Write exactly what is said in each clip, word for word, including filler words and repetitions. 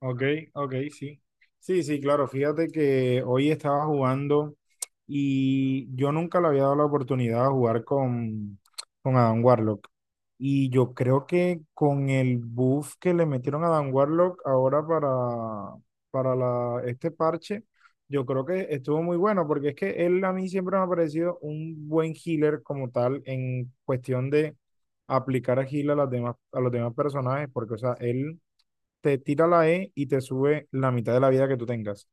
Ok, ok, sí. Sí, sí, claro. Fíjate que hoy estaba jugando y yo nunca le había dado la oportunidad de jugar con, con Adam Warlock. Y yo creo que con el buff que le metieron a Adam Warlock ahora para, para la, este parche, yo creo que estuvo muy bueno porque es que él a mí siempre me ha parecido un buen healer como tal en cuestión de aplicar a heal a, las demás, a los demás personajes porque, o sea, él te tira la E y te sube la mitad de la vida que tú tengas.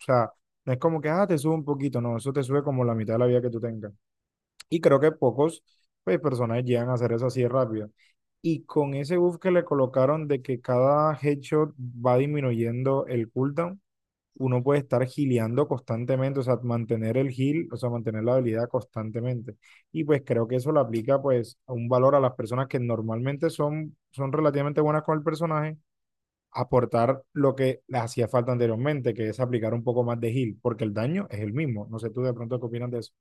O sea, no es como que, ah, te sube un poquito, no, eso te sube como la mitad de la vida que tú tengas. Y creo que pocos, pues, personajes llegan a hacer eso así de rápido. Y con ese buff que le colocaron de que cada headshot va disminuyendo el cooldown, uno puede estar gileando constantemente, o sea, mantener el heal, o sea, mantener la habilidad constantemente. Y pues creo que eso le aplica pues a un valor a las personas que normalmente son, son relativamente buenas con el personaje, aportar lo que les hacía falta anteriormente, que es aplicar un poco más de heal, porque el daño es el mismo. No sé tú de pronto qué opinas de eso.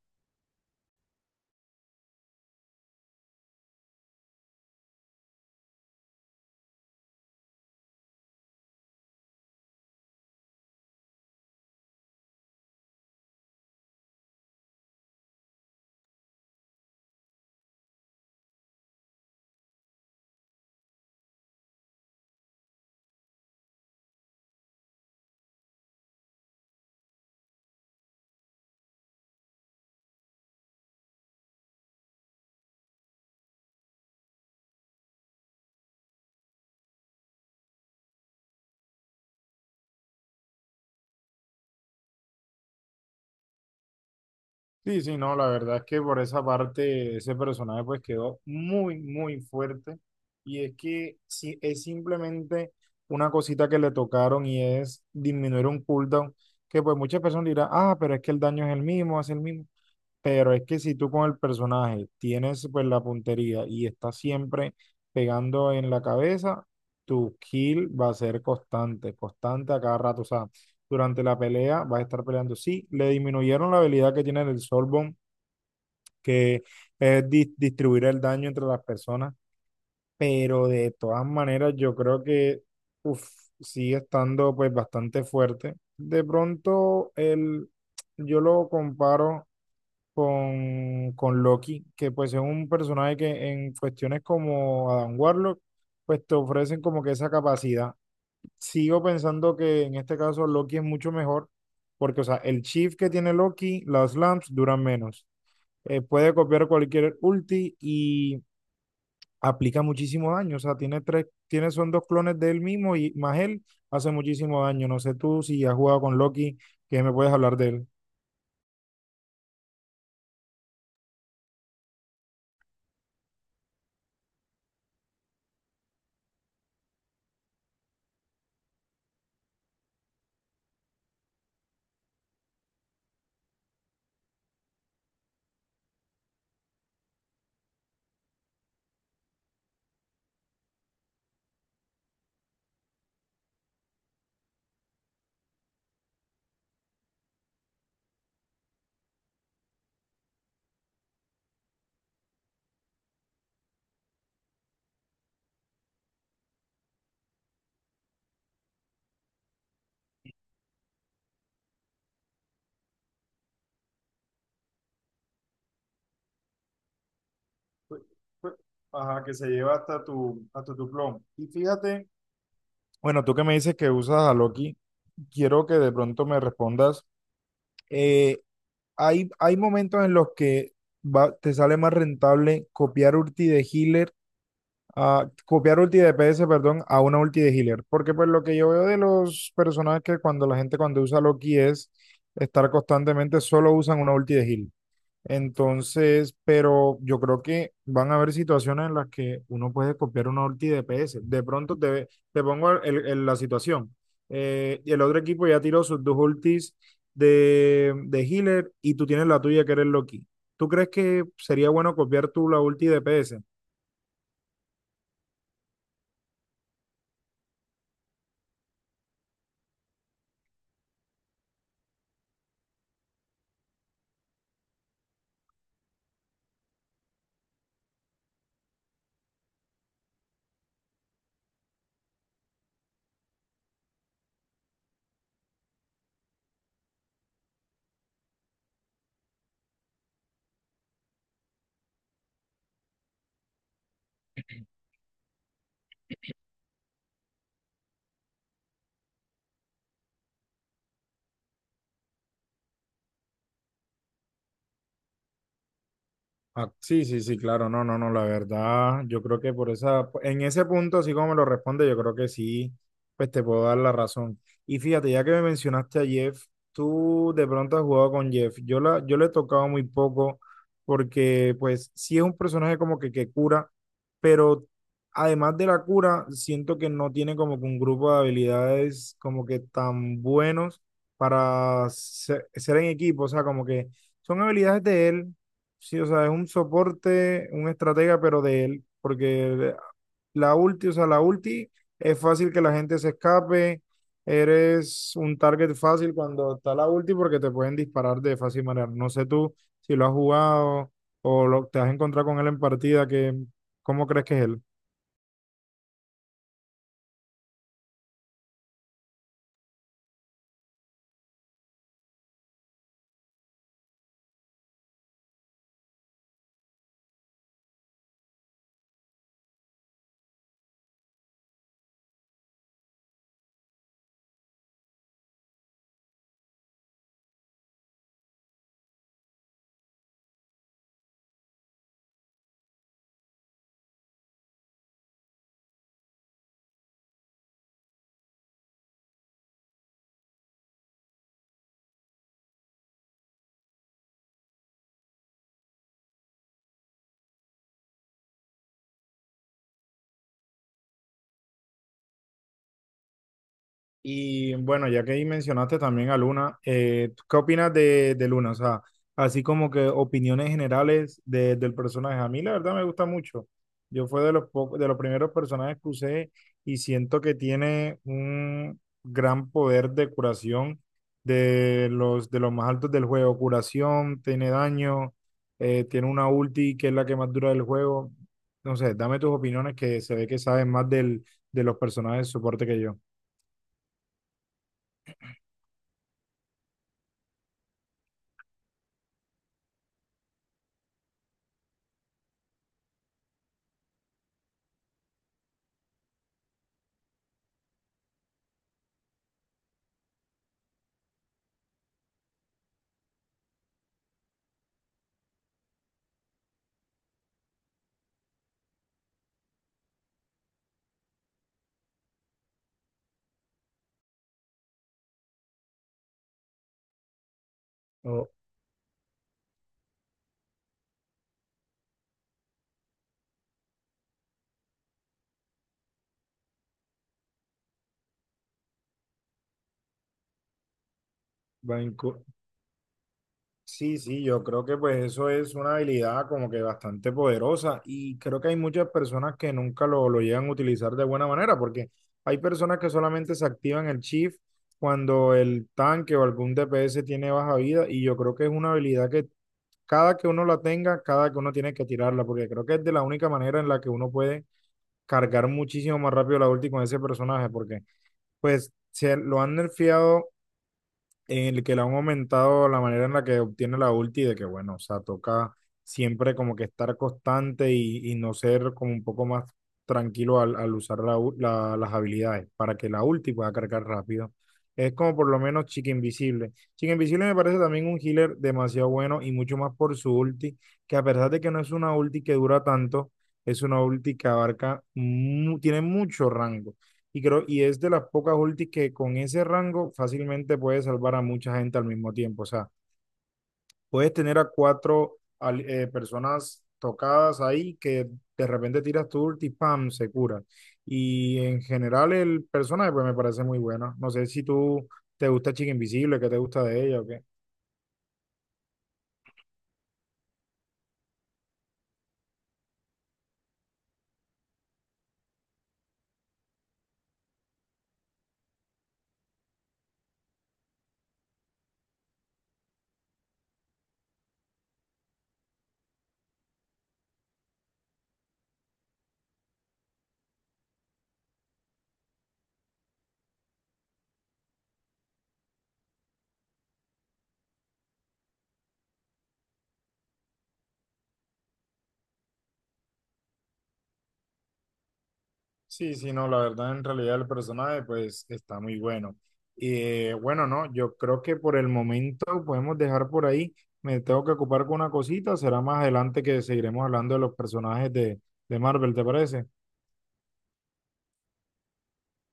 Sí, sí, no, la verdad es que por esa parte ese personaje pues quedó muy, muy fuerte. Y es que sí, es simplemente una cosita que le tocaron y es disminuir un cooldown, que pues muchas personas dirán, ah, pero es que el daño es el mismo, es el mismo. Pero es que si tú con el personaje tienes pues la puntería y estás siempre pegando en la cabeza, tu kill va a ser constante, constante a cada rato. O sea, durante la pelea vas a estar peleando. Sí, le disminuyeron la habilidad que tiene el Soulbone, que es dis- distribuir el daño entre las personas, pero de todas maneras yo creo que uf, sigue estando pues bastante fuerte. De pronto el, yo lo comparo con, con Loki, que pues es un personaje que en cuestiones como Adam Warlock, pues te ofrecen como que esa capacidad. Sigo pensando que en este caso Loki es mucho mejor, porque o sea, el shift que tiene Loki, las lamps duran menos. Eh, puede copiar cualquier ulti y aplica muchísimo daño. O sea, tiene tres, tiene, son dos clones de él mismo y más él hace muchísimo daño. No sé tú si has jugado con Loki, que me puedes hablar de él. Ajá, que se lleva hasta tu, hasta tu plomo. Y fíjate, bueno, tú que me dices que usas a Loki, quiero que de pronto me respondas. eh, hay, hay momentos en los que va- te sale más rentable copiar ulti de healer, a, copiar ulti de D P S, perdón, a una ulti de healer. Porque pues lo que yo veo de los personajes que cuando la gente cuando usa Loki es estar constantemente, solo usan una ulti de healer. Entonces, pero yo creo que van a haber situaciones en las que uno puede copiar una ulti de P S. De pronto te, ve- te pongo el- el- la situación. Eh, y el otro equipo ya tiró sus dos ultis de, de healer y tú tienes la tuya que eres Loki. ¿Tú crees que sería bueno copiar tú la ulti de P S? Ah, sí, sí, sí, claro, no, no, no, la verdad, yo creo que por esa, en ese punto, así como me lo responde, yo creo que sí, pues te puedo dar la razón. Y fíjate, ya que me mencionaste a Jeff, tú de pronto has jugado con Jeff, yo la, yo le he tocado muy poco, porque pues sí es un personaje como que, que cura, pero además de la cura, siento que no tiene como que un grupo de habilidades como que tan buenos para ser, ser en equipo, o sea, como que son habilidades de él. Sí, o sea, es un soporte, un estratega, pero de él, porque la ulti, o sea, la ulti es fácil que la gente se escape, eres un target fácil cuando está la ulti porque te pueden disparar de fácil manera. No sé tú si lo has jugado o lo, te has encontrado con él en partida, que, ¿cómo crees que es él? Y bueno, ya que ahí mencionaste también a Luna, eh, ¿tú ¿qué opinas de, de Luna? O sea, así como que opiniones generales de- del personaje. A mí la verdad me gusta mucho. Yo fue de los, po- de los primeros personajes que usé y siento que tiene un gran poder de curación de los, de los más altos del juego. Curación, tiene daño, eh, tiene una ulti que es la que más dura del juego. No sé, dame tus opiniones que se ve que sabes más del, de los personajes de soporte que yo. Banco. Sí, sí, yo creo que pues eso es una habilidad como que bastante poderosa y creo que hay muchas personas que nunca lo, lo llegan a utilizar de buena manera porque hay personas que solamente se activan el shift cuando el tanque o algún D P S tiene baja vida y yo creo que es una habilidad que cada que uno la tenga, cada que uno tiene que tirarla porque creo que es de la única manera en la que uno puede cargar muchísimo más rápido la ulti con ese personaje porque pues se lo han nerfeado en el que le han aumentado la manera en la que obtiene la ulti, de que bueno, o sea, toca siempre como que estar constante y, y no ser como un poco más tranquilo al, al usar la u- la- las habilidades para que la ulti pueda cargar rápido. Es como por lo menos Chica Invisible. Chica Invisible me parece también un healer demasiado bueno y mucho más por su ulti, que a pesar de que no es una ulti que dura tanto, es una ulti que abarca, mu- tiene mucho rango. Y creo, y es de las pocas ultis que con ese rango fácilmente puedes salvar a mucha gente al mismo tiempo. O sea, puedes tener a cuatro al- eh, personas tocadas ahí que de repente tiras tu ulti, ¡pam! Se cura. Y en general el personaje pues me parece muy bueno. No sé si tú te gusta Chica Invisible, qué te gusta de ella o qué. Sí, sí, no, la verdad, en realidad el personaje pues está muy bueno. Y eh, bueno, no, yo creo que por el momento podemos dejar por ahí. Me tengo que ocupar con una cosita, será más adelante que seguiremos hablando de los personajes de, de Marvel, ¿te parece?